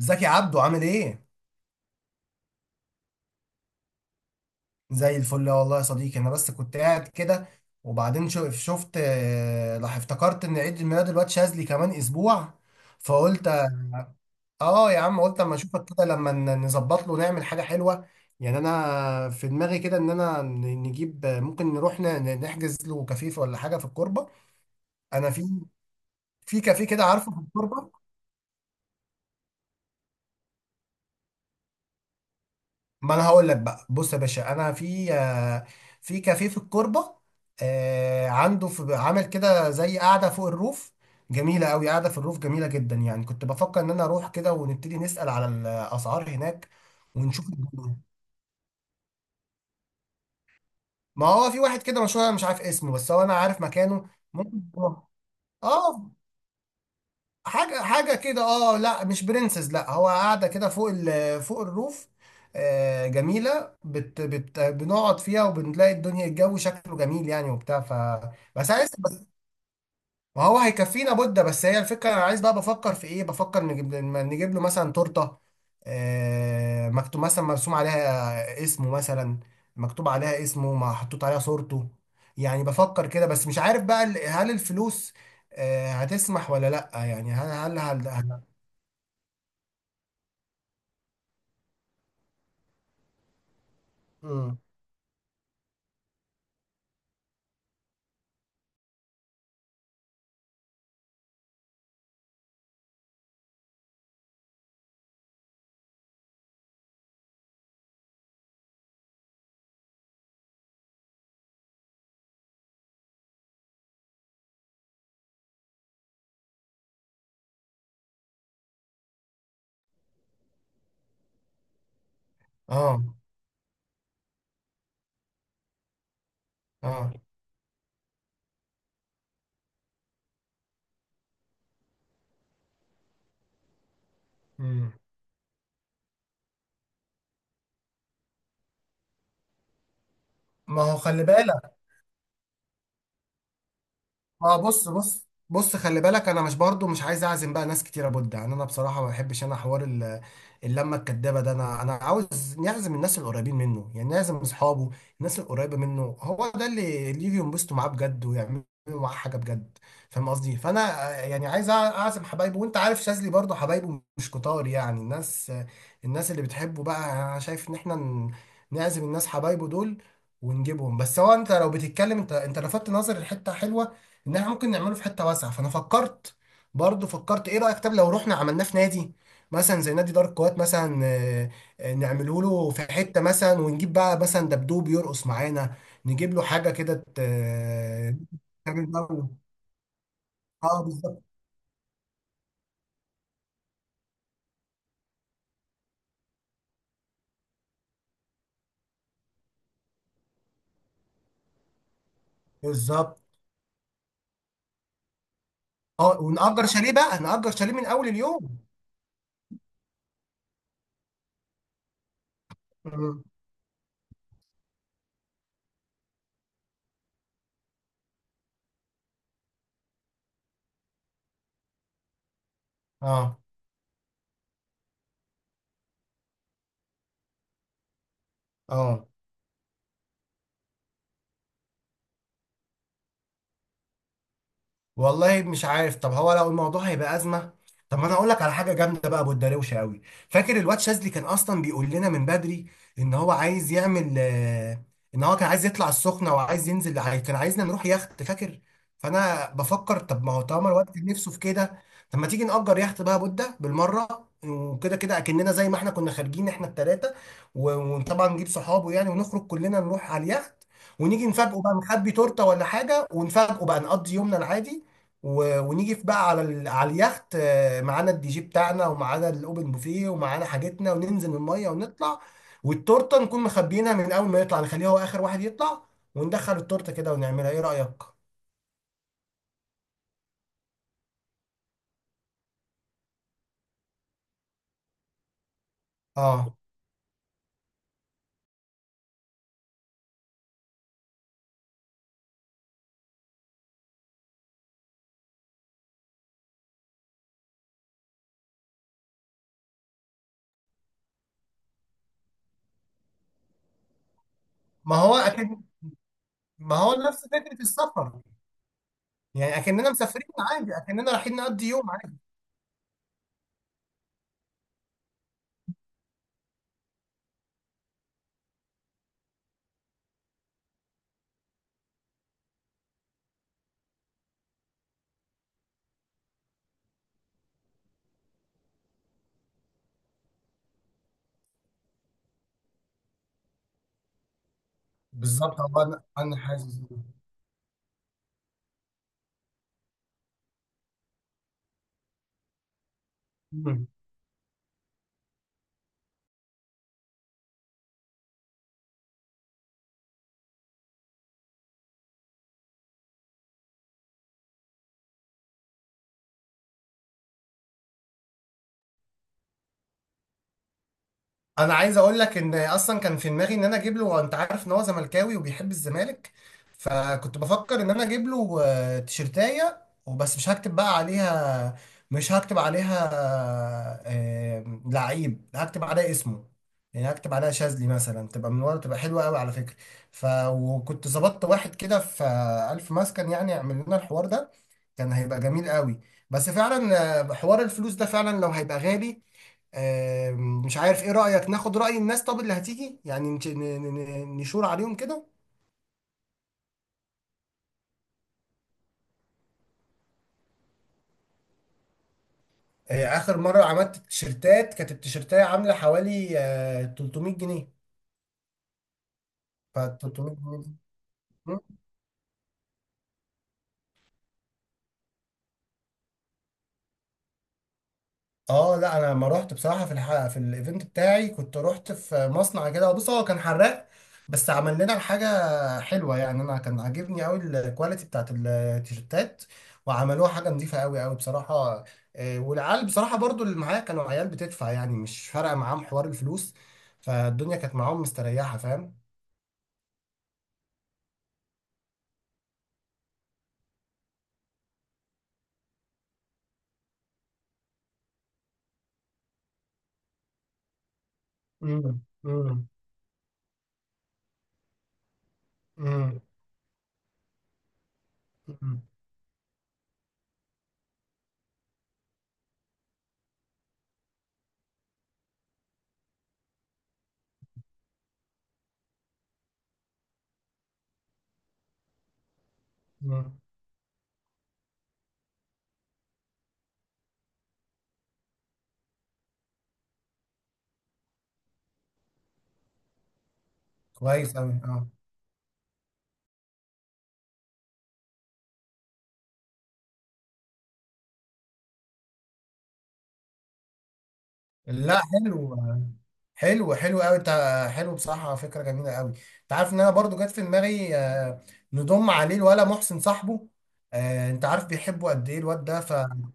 ازيك يا عبدو عامل ايه؟ زي الفل والله يا صديقي، انا بس كنت قاعد كده. وبعدين شفت، راح افتكرت ان عيد الميلاد الواد شاذلي كمان اسبوع. فقلت اه يا عم، قلت اما اشوفك كده لما نظبط له نعمل حاجة حلوة. يعني انا في دماغي كده ان انا نجيب، ممكن نروح نحجز له كافيه ولا حاجة في الكوربة. انا في كافيه كده، عارفه، في الكوربة. ما انا هقول لك بقى، بص يا باشا، انا في، في كافيه في الكوربه. عنده في عامل كده زي قاعده فوق الروف، جميله قوي، قاعده في الروف جميله جدا يعني. كنت بفكر ان انا اروح كده ونبتدي نسال على الاسعار هناك ونشوف الجو. ما هو في واحد كده مشهور، انا مش عارف اسمه، بس هو انا عارف مكانه، ممكن نروح. اه، حاجة حاجة كده. اه، لا مش برنسز، لا هو قاعدة كده فوق فوق الروف. آه، جميلة. بت بت بنقعد فيها وبنلاقي الدنيا الجو شكله جميل يعني، وبتاع، بس عايز بس ما هو هيكفينا بودة. بس هي الفكرة، انا عايز بقى، بفكر في ايه، بفكر نجيب له مثلا تورتة. آه، مكتوب مثلا، مرسوم عليها اسمه مثلا، مكتوب عليها اسمه، ما حطوط عليها صورته. يعني بفكر كده، بس مش عارف بقى هل الفلوس هتسمح ولا لا، يعني هل. مم. اه، اه. مم. ما هو خلي بالك. ما بص بص بص خلي بالك، انا مش، برضو مش عايز اعزم بقى ناس كتيره بود. يعني انا بصراحه ما بحبش انا حوار اللمه الكدابه ده. انا عاوز نعزم الناس القريبين منه، يعني نعزم اصحابه. الناس القريبه منه، هو ده اللي يجي ينبسطوا معاه بجد ويعملوا معاه حاجه بجد. فاهم قصدي؟ فانا، يعني عايز اعزم حبايبه. وانت عارف شاذلي برضو حبايبه مش كتار، يعني الناس، الناس اللي بتحبه بقى. انا شايف ان احنا نعزم الناس حبايبه دول ونجيبهم. بس هو انت لو بتتكلم، انت لفتت نظر لحته حلوه، ان احنا ممكن نعمله في حته واسعه. فانا فكرت، برضه فكرت، ايه رايك طب لو رحنا عملناه في نادي، مثلا زي نادي دار الكويت مثلا، نعمله له في حته مثلا، ونجيب بقى مثلا دبدوب يرقص معانا، نجيب له حاجه كده، تعمل جو. اه بالظبط. بالظبط. اه، ونأجر شاليه بقى، نأجر شاليه من اول اليوم. مم. اه، اه. والله مش عارف. طب هو لو الموضوع هيبقى ازمه، طب ما انا اقول لك على حاجه جامده بقى، ابو الدروشه قوي. فاكر الواد شاذلي كان اصلا بيقول لنا من بدري، ان هو عايز يعمل آه، ان هو كان عايز يطلع السخنه، كان عايزنا نروح يخت، فاكر؟ فانا بفكر، طب ما هو طالما الواد كان نفسه في كده، طب ما تيجي نأجر يخت بقى بودة بالمره. وكده كده اكننا زي ما احنا كنا خارجين احنا التلاته، و- وطبعا نجيب صحابه يعني، ونخرج كلنا نروح على اليخت، ونيجي نفاجئه بقى، نخبي تورته ولا حاجه ونفاجئه بقى، نقضي يومنا العادي. ونيجي في بقى على على اليخت، معانا الدي جي بتاعنا ومعانا الاوبن بوفيه ومعانا حاجتنا، وننزل من الميه ونطلع. والتورته نكون مخبيينها، من اول ما يطلع نخليه هو اخر واحد يطلع، وندخل التورته كده ونعملها. ايه رايك؟ اه، ما هو اكن، ما هو نفس فكره السفر. يعني اكننا مسافرين عادي، اكننا رايحين نقضي يوم عادي. بالظبط، هو انا حاسس. انا عايز اقول لك ان اصلا كان في دماغي ان انا اجيب له، وانت عارف ان هو زملكاوي وبيحب الزمالك، فكنت بفكر ان انا اجيب له تيشرتايه وبس، مش هكتب بقى عليها، مش هكتب عليها لعيب، هكتب عليها اسمه. يعني هكتب عليها شاذلي مثلا، تبقى من ورا، تبقى حلوه قوي على فكره. وكنت ظبطت واحد كده في الف مسكن، يعني يعمل لنا الحوار ده. كان هيبقى جميل قوي. بس فعلا حوار الفلوس ده فعلا لو هيبقى غالي. مش عارف، ايه رأيك ناخد رأي الناس طب اللي هتيجي يعني نشور عليهم كده؟ اخر مرة عملت التيشيرتات كانت التيشيرتاية عاملة حوالي 300 جنيه. 300 جنيه. اه، لا انا لما رحت بصراحه في الايفنت بتاعي كنت رحت في مصنع كده، بص هو كان حراق بس عمل لنا الحاجه حلوه يعني، انا كان عاجبني قوي الكواليتي بتاعت التيشيرتات، وعملوها حاجه نظيفه قوي قوي بصراحه. والعيال بصراحه برضو اللي معايا كانوا عيال بتدفع يعني، مش فارقه معاهم حوار الفلوس، فالدنيا كانت معاهم مستريحه. فاهم؟ امم. امم. امم. امم. كويس قوي، اه. لا حلو، حلو حلو قوي انت. حلو بصراحه، فكره جميله قوي. انت عارف ان انا برضو جت في دماغي نضم عليه الولا محسن صاحبه. انت عارف بيحبه قد ايه الواد ده، فلا.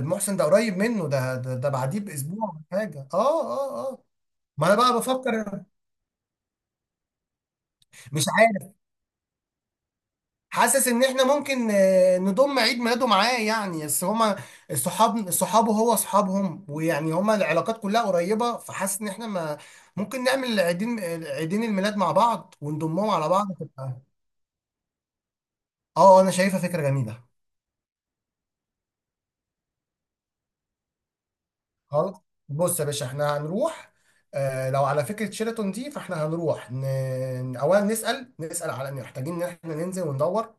محسن ده قريب منه، ده بعديه باسبوع ولا حاجه، اه. اه، اه. ما انا بقى بفكر. مش عارف، حاسس ان احنا ممكن نضم عيد ميلاده معاه. يعني بس هما الصحاب صحابه هو اصحابهم، ويعني هما العلاقات كلها قريبه. فحاسس ان احنا، ما ممكن نعمل عيدين عيدين الميلاد مع بعض ونضمهم على بعض تبقى. اه، انا شايفها فكره جميله. خلاص، بص يا باشا، احنا هنروح. آه، لو على فكره شيراتون دي، فاحنا هنروح اولا نسال على ان محتاجين ان احنا ننزل وندور،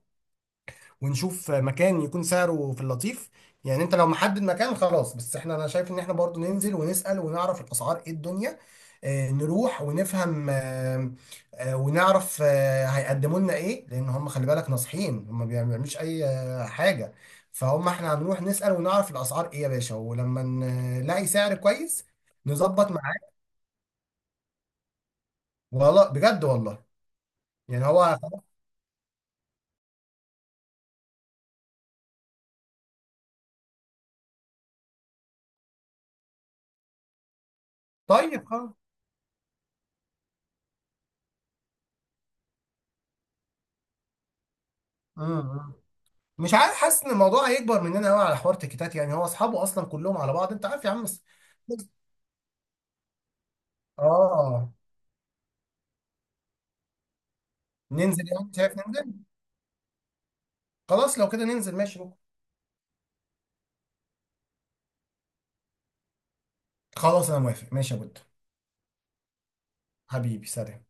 ونشوف مكان يكون سعره في اللطيف. يعني انت لو محدد مكان خلاص، بس احنا، انا شايف ان احنا برضو ننزل ونسأل ونعرف الاسعار ايه الدنيا. اه، نروح ونفهم، اه. اه، ونعرف، اه، هيقدموا لنا ايه، لان هم خلي بالك ناصحين، هم ما بيعملوش اي حاجة. فهم احنا هنروح نسأل ونعرف الاسعار ايه يا باشا، ولما نلاقي سعر كويس نظبط معاه. والله بجد، والله. يعني هو، طيب خلاص. مم. مش عارف، حاسس ان الموضوع هيكبر مننا قوي على حوار تيكيتات. يعني هو اصحابه اصلا كلهم على بعض، انت عارف يا عم. بس. اه، ننزل يعني، شايف ننزل. خلاص لو كده ننزل ماشي بكره. خلاص انا موافق، ماشي يا بود. حبيبي، سلام.